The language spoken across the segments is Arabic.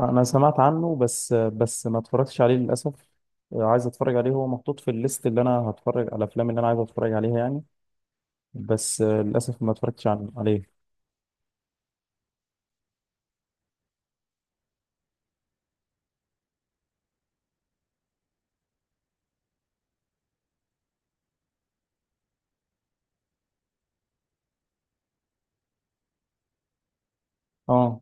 انا سمعت عنه بس ما اتفرجتش عليه للاسف. عايز اتفرج عليه، هو محطوط في الليست اللي انا هتفرج على الافلام اللي انا عايز اتفرج عليها يعني. بس للاسف ما اتفرجتش عليه. اه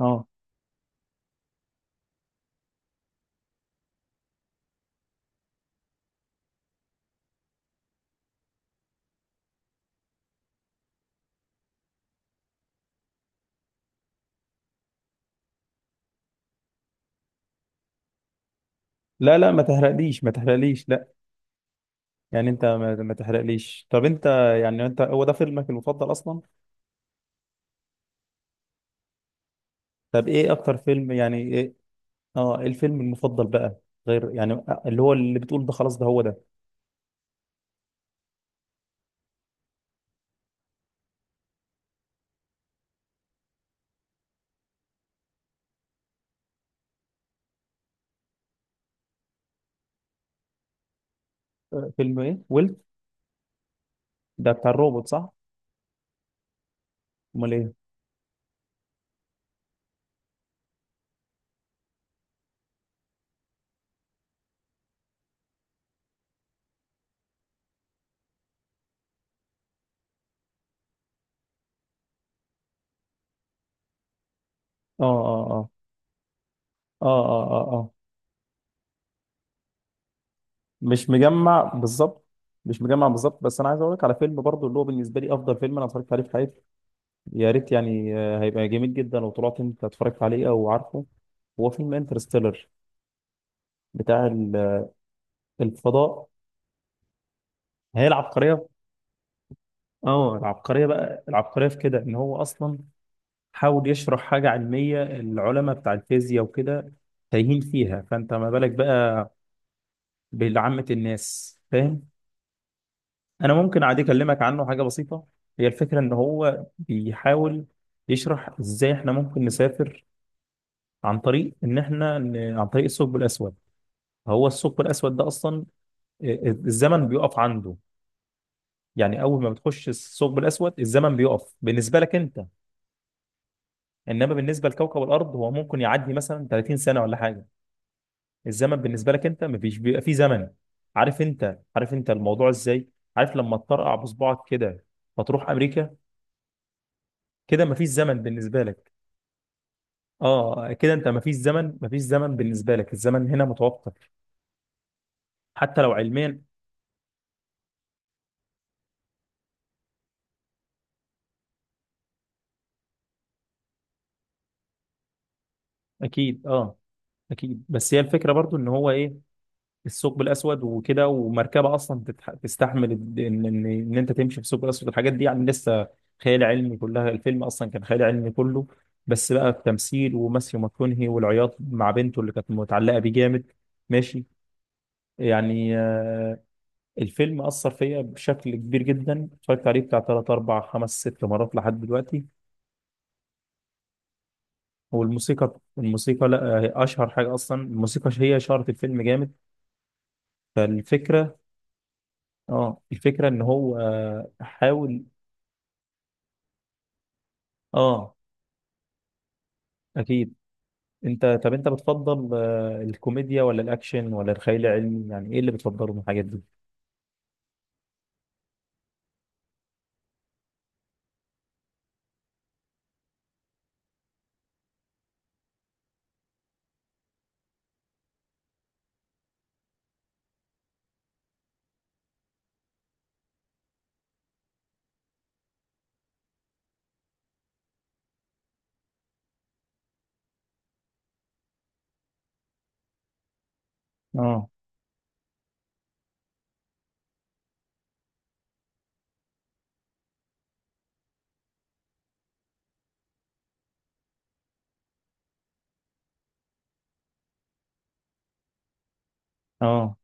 اه، لا لا، ما تحرقليش ما تحرقليش، لا. يعني انت ما تحرقليش، طب انت. يعني انت، هو ده فيلمك المفضل اصلا؟ طب ايه اكتر فيلم، يعني ايه؟ اه، إيه الفيلم المفضل بقى؟ غير يعني اللي هو اللي بتقول ده، خلاص ده هو ده. فيلم ايه ويلت؟ ده بتاع الروبوت صح؟ امال ايه؟ اه اه اه اه، اه اه، آه. مش مجمع بالظبط. مش مجمع بالظبط، بس انا عايز اقول لك على فيلم برضو، اللي هو بالنسبه لي افضل فيلم انا اتفرجت عليه في حياتي. يا ريت يعني هيبقى جميل جدا لو طلعت انت اتفرجت عليه او عارفه. هو فيلم انترستيلر، بتاع الفضاء. هي العبقريه. اه، العبقريه بقى، العبقريه في كده ان هو اصلا حاول يشرح حاجه علميه، العلماء بتاع الفيزياء وكده تايهين فيها، فانت ما بالك بقى بعامه الناس فاهم. انا ممكن عادي اكلمك عنه حاجه بسيطه. هي الفكره ان هو بيحاول يشرح ازاي احنا ممكن نسافر عن طريق ان احنا ن- عن طريق الثقب الاسود. هو الثقب الاسود ده اصلا الزمن بيقف عنده. يعني اول ما بتخش الثقب الاسود الزمن بيقف بالنسبه لك انت، انما بالنسبه لكوكب الارض هو ممكن يعدي مثلا 30 سنه ولا حاجه. الزمن بالنسبه لك انت مفيش، بيبقى فيه زمن. عارف انت الموضوع ازاي؟ عارف لما تطرقع بصبعك كده فتروح امريكا، كده مفيش زمن بالنسبه لك. اه، كده انت مفيش زمن، بالنسبه لك الزمن هنا متوفر، حتى لو علميا. اكيد اه اكيد، بس هي الفكره برضو ان هو ايه، الثقب الاسود وكده ومركبه اصلا تستحمل ان ان ان إن انت تمشي في الثقب الاسود. الحاجات دي يعني لسه خيال علمي كلها، الفيلم اصلا كان خيال علمي كله، بس بقى التمثيل وماثيو ماكونهي والعياط مع بنته اللي كانت متعلقه بيه جامد. ماشي، يعني الفيلم أثر فيا بشكل كبير جدا، اتفرجت عليه بتاع تلات أربع خمس ست مرات لحد دلوقتي. والموسيقى، الموسيقى لا، هي اشهر حاجه اصلا، الموسيقى هي شهرة الفيلم جامد. فالفكره، اه الفكره ان هو حاول. اه اكيد. انت طب انت بتفضل الكوميديا ولا الاكشن ولا الخيال العلمي؟ يعني ايه اللي بتفضله من الحاجات دي؟ اه اه،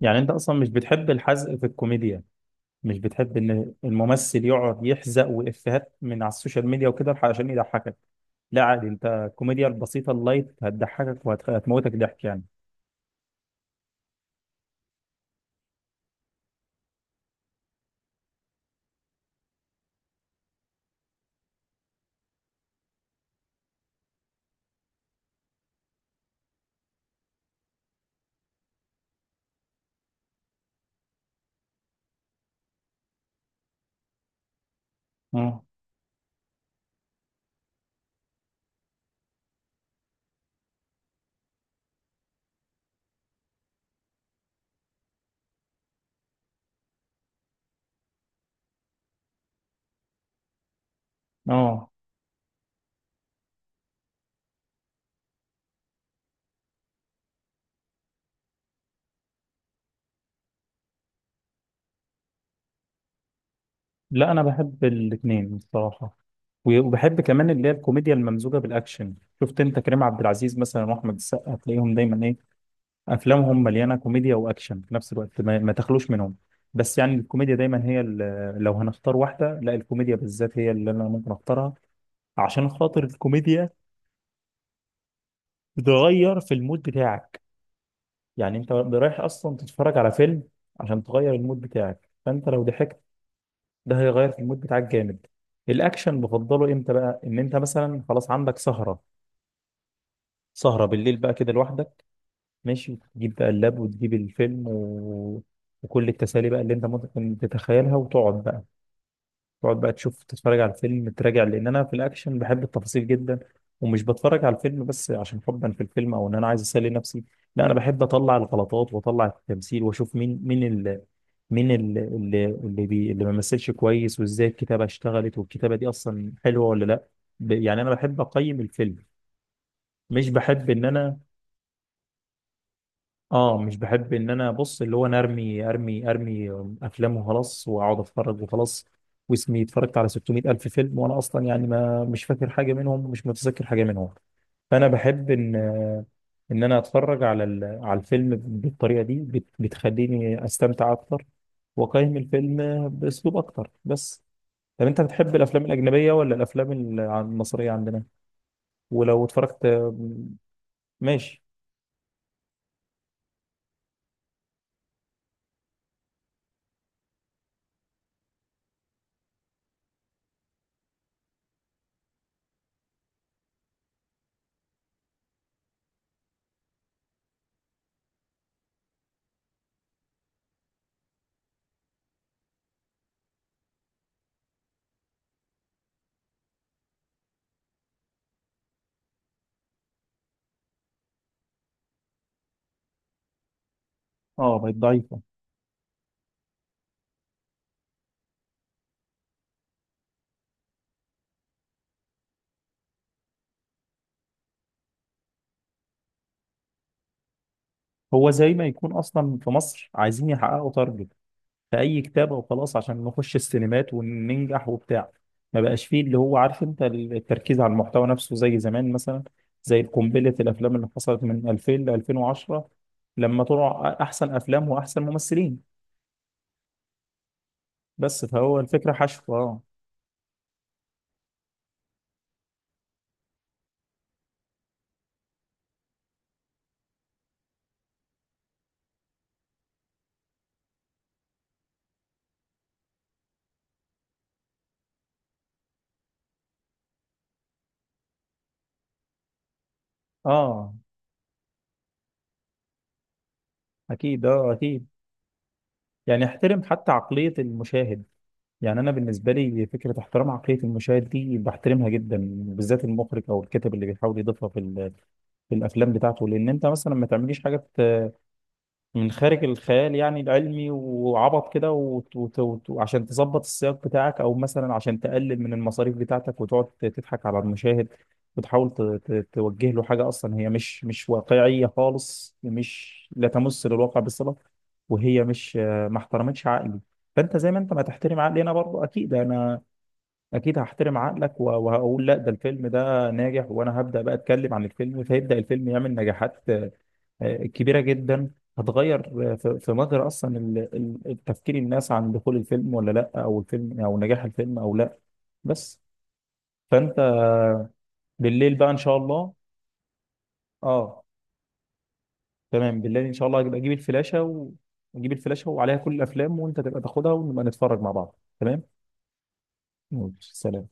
يعني انت اصلا مش بتحب الحزق في الكوميديا؟ مش بتحب ان الممثل يقعد يحزق، وافيهات من على السوشيال ميديا وكده عشان يضحكك؟ لا عادي، انت الكوميديا البسيطه اللايت هتضحكك وهتموتك ضحك يعني. اه اه، لا انا بحب الاثنين الصراحه، وبحب كمان اللي هي الكوميديا الممزوجه بالاكشن. شفت انت كريم عبد العزيز مثلا واحمد السقا، تلاقيهم دايما ايه، افلامهم مليانه كوميديا واكشن في نفس الوقت، ما تخلوش منهم. بس يعني الكوميديا دايما هي لو هنختار واحده، لا الكوميديا بالذات هي اللي انا ممكن اختارها، عشان خاطر الكوميديا بتغير في المود بتاعك. يعني انت رايح اصلا تتفرج على فيلم عشان تغير المود بتاعك، فانت لو ضحكت ده هيغير في المود بتاعك جامد. الاكشن بفضله امتى بقى، ان انت مثلا خلاص عندك سهره، سهره بالليل بقى كده لوحدك، ماشي، تجيب بقى اللاب وتجيب الفيلم و... وكل التسالي بقى اللي انت ممكن تتخيلها، وتقعد بقى تقعد بقى تشوف تتفرج على الفيلم، تراجع، لان انا في الاكشن بحب التفاصيل جدا. ومش بتفرج على الفيلم بس عشان حبا في الفيلم او ان انا عايز اسلي نفسي، لا انا بحب اطلع الغلطات واطلع التمثيل واشوف مين اللي ما مثلش كويس، وازاي الكتابه اشتغلت، والكتابه دي اصلا حلوه ولا لا. يعني انا بحب اقيم الفيلم، مش بحب ان انا اه مش بحب ان انا بص، اللي هو انا ارمي افلام وخلاص واقعد اتفرج وخلاص، واسمي اتفرجت على 600 الف فيلم وانا اصلا يعني ما مش فاكر حاجه منهم ومش متذكر حاجه منهم. فانا بحب ان انا اتفرج على على الفيلم بالطريقه دي بتخليني استمتع اكتر، واقيم الفيلم باسلوب اكتر بس. طب انت بتحب الافلام الاجنبيه ولا الافلام المصريه عندنا؟ ولو اتفرجت، ماشي. اه بقت ضعيفه. هو زي ما يكون اصلا في مصر عايزين يحققوا تارجت في اي كتاب او خلاص، عشان نخش السينمات وننجح وبتاع، ما بقاش فيه اللي هو عارف انت، التركيز على المحتوى نفسه زي زمان مثلا، زي قنبله الافلام اللي حصلت من 2000 ل 2010 لما طلع احسن افلام واحسن ممثلين، بس، فهو الفكره حشو اه. اه اكيد، اه اكيد. يعني احترم حتى عقليه المشاهد. يعني انا بالنسبه لي فكره احترام عقليه المشاهد دي بحترمها جدا، بالذات المخرج او الكاتب اللي بيحاول يضيفها في الافلام بتاعته. لان انت مثلا ما تعمليش حاجه من خارج الخيال يعني العلمي وعبط كده وعشان تظبط السياق بتاعك، او مثلا عشان تقلل من المصاريف بتاعتك وتقعد تضحك على المشاهد. وتحاول توجه له حاجة اصلا هي مش واقعية خالص، مش لا تمس للواقع بالصلة، وهي مش، ما احترمتش عقلي. فانت زي ما انت ما تحترم عقلي انا برضه، اكيد انا اكيد هحترم عقلك، وهقول لا ده الفيلم ده ناجح، وانا هبدأ بقى اتكلم عن الفيلم، فيبدأ الفيلم يعمل نجاحات كبيرة جدا. هتغير في مجرى أصلا التفكير الناس عن دخول الفيلم ولا لأ، أو الفيلم أو نجاح الفيلم أو لأ، بس. فأنت بالليل بقى إن شاء الله. أه، تمام بالليل إن شاء الله، أجيب الفلاشة و... أجيب الفلاشة وعليها كل الأفلام، وأنت تبقى تاخدها ونبقى نتفرج مع بعض، تمام؟ ماشي، سلام.